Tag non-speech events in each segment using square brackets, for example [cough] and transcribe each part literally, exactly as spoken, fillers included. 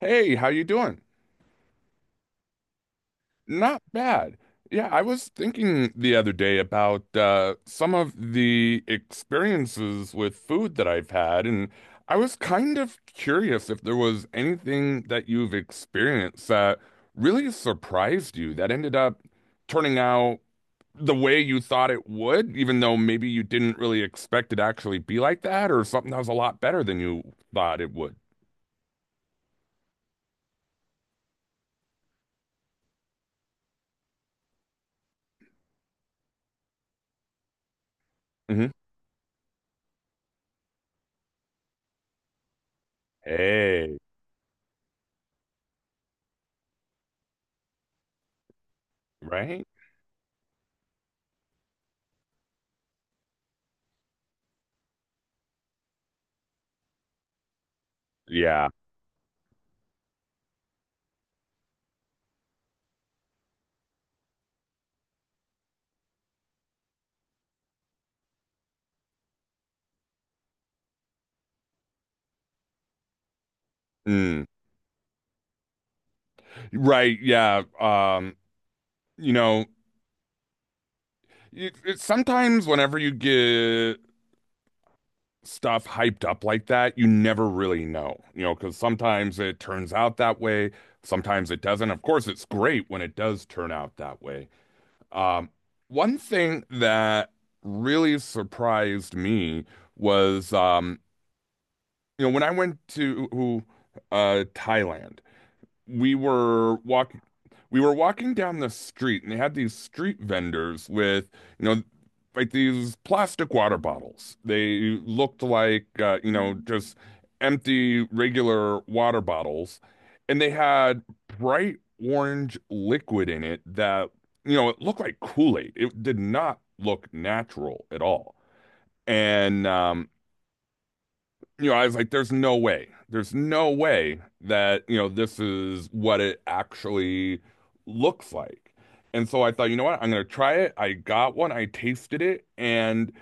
Hey, how you doing? Not bad. Yeah, I was thinking the other day about uh, some of the experiences with food that I've had, and I was kind of curious if there was anything that you've experienced that really surprised you that ended up turning out the way you thought it would, even though maybe you didn't really expect it to actually be like that, or something that was a lot better than you thought it would. Hmm. Hey, right? Yeah. Right, yeah. Um, you know, it, it, sometimes whenever you get stuff hyped up like that, you never really know, you know, because sometimes it turns out that way, sometimes it doesn't. Of course, it's great when it does turn out that way. Um, one thing that really surprised me was, um, you know, when I went to uh, Thailand, we were walking we were walking down the street and they had these street vendors with, you know, like these plastic water bottles. They looked like, uh, you know, just empty regular water bottles. And they had bright orange liquid in it that, you know, it looked like Kool-Aid. It did not look natural at all. And um, you know, I was like, there's no way. There's no way that, you know, this is what it actually looks like. And so I thought, you know what? I'm going to try it. I got one, I tasted it, and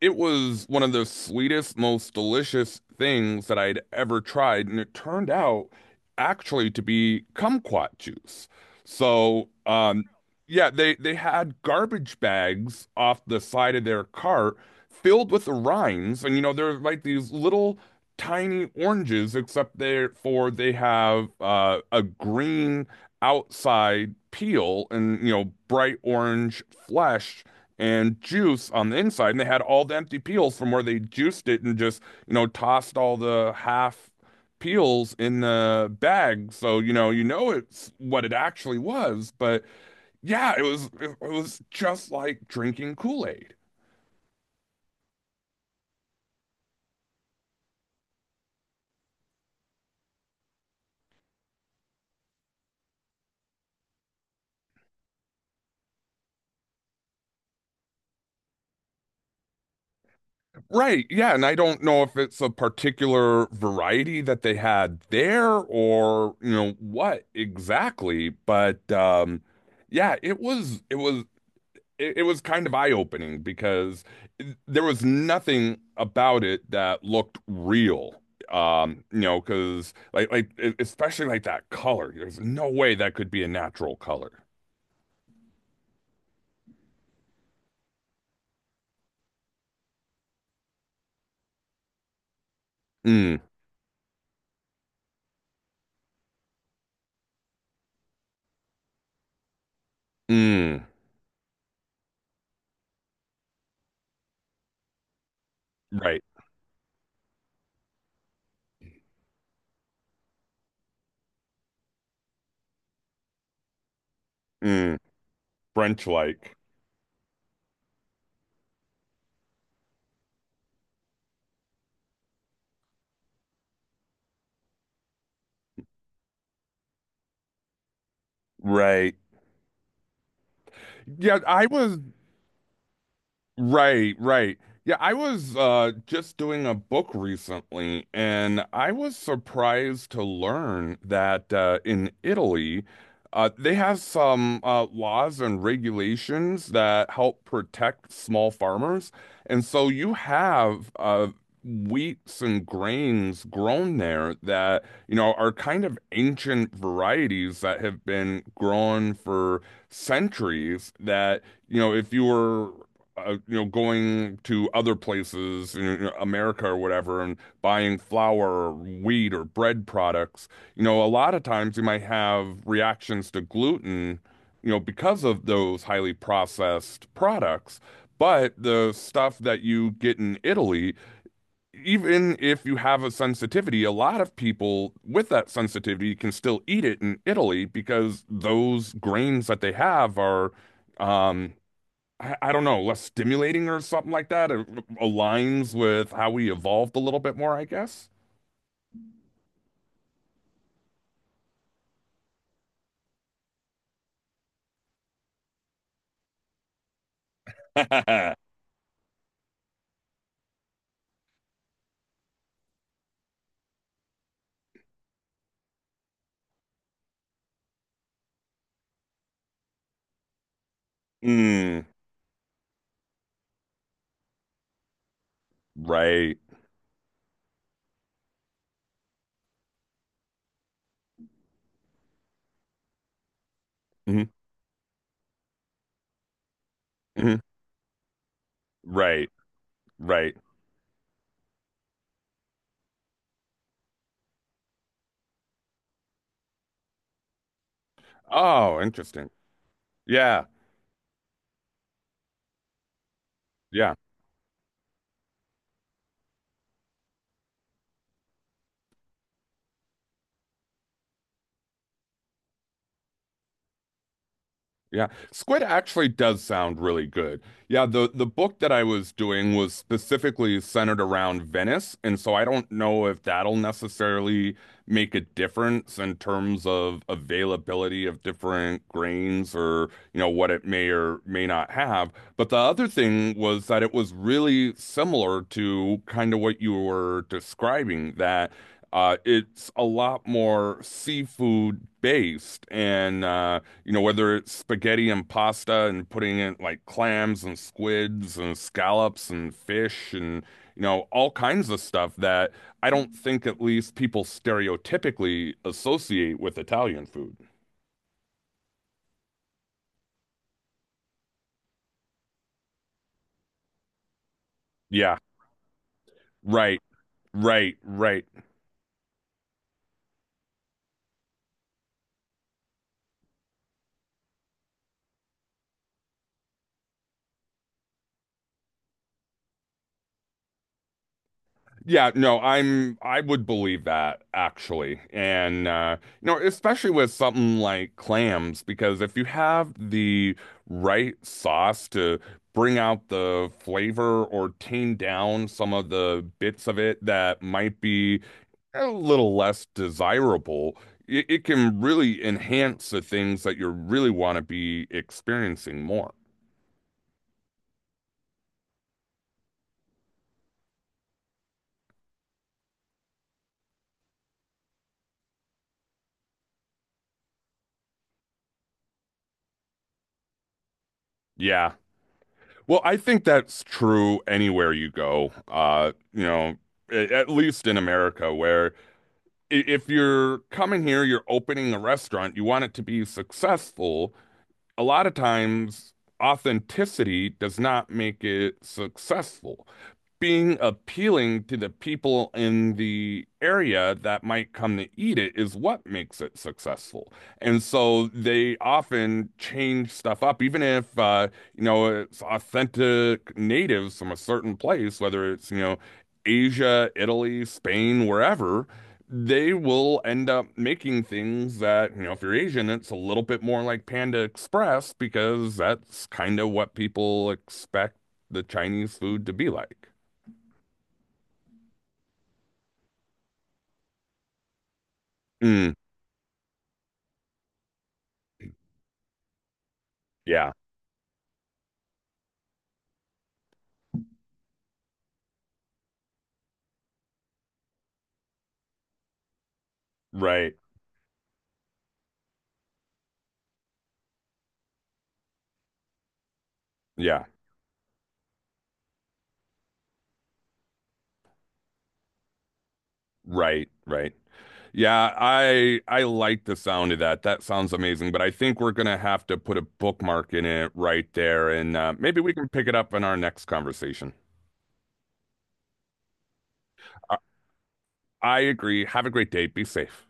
it was one of the sweetest, most delicious things that I'd ever tried, and it turned out actually to be kumquat juice. So, um, yeah, they they had garbage bags off the side of their cart filled with the rinds, and you know they're like these little tiny oranges, except they're for they have uh, a green outside peel and you know bright orange flesh and juice on the inside. And they had all the empty peels from where they juiced it and just, you know, tossed all the half peels in the bag. So, you know, you know it's what it actually was. But yeah, it was it was just like drinking Kool-Aid. Right. Yeah, and I don't know if it's a particular variety that they had there or, you know, what exactly, but um yeah, it was it was it, it was kind of eye-opening because it- there was nothing about it that looked real. Um, you know, because like like e- especially like that color. There's no way that could be a natural color. Mm, mm, right. Mm, French like. Right. Yeah, I was Right, right. Yeah, I was uh just doing a book recently and I was surprised to learn that uh in Italy uh they have some uh laws and regulations that help protect small farmers. And so you have uh wheats and grains grown there that, you know, are kind of ancient varieties that have been grown for centuries that you know, if you were uh, you know, going to other places, you know, America or whatever, and buying flour or wheat or bread products, you know, a lot of times you might have reactions to gluten, you know, because of those highly processed products. But the stuff that you get in Italy, even if you have a sensitivity, a lot of people with that sensitivity can still eat it in Italy because those grains that they have are, um, I, I don't know, less stimulating or something like that. It aligns with how we evolved a little bit more, I guess. [laughs] Mm, right. Hmm. Hmm. Right. Right. Oh, interesting. Yeah. Yeah. Yeah, squid actually does sound really good. Yeah, the the book that I was doing was specifically centered around Venice, and so I don't know if that'll necessarily make a difference in terms of availability of different grains or, you know, what it may or may not have. But the other thing was that it was really similar to kind of what you were describing, that uh, it's a lot more seafood based and uh you know, whether it's spaghetti and pasta and putting in like clams and squids and scallops and fish and, you know, all kinds of stuff that I don't think at least people stereotypically associate with Italian food. Yeah, right, right, right. Yeah, no, I'm I would believe that actually. And uh you know, especially with something like clams because if you have the right sauce to bring out the flavor or tame down some of the bits of it that might be a little less desirable, it, it can really enhance the things that you really want to be experiencing more. Yeah. Well, I think that's true anywhere you go. Uh, you know, a- at least in America, where i- if you're coming here, you're opening a restaurant, you want it to be successful. A lot of times, authenticity does not make it successful. Being appealing to the people in the area that might come to eat it is what makes it successful. And so they often change stuff up, even if uh, you know it's authentic natives from a certain place, whether it's you know Asia, Italy, Spain, wherever. They will end up making things that, you know, if you're Asian, it's a little bit more like Panda Express because that's kind of what people expect the Chinese food to be like. Mm, yeah, right. Yeah, right, right. Yeah, I I like the sound of that. That sounds amazing, but I think we're gonna have to put a bookmark in it right there, and uh, maybe we can pick it up in our next conversation. I, I agree. Have a great day. Be safe.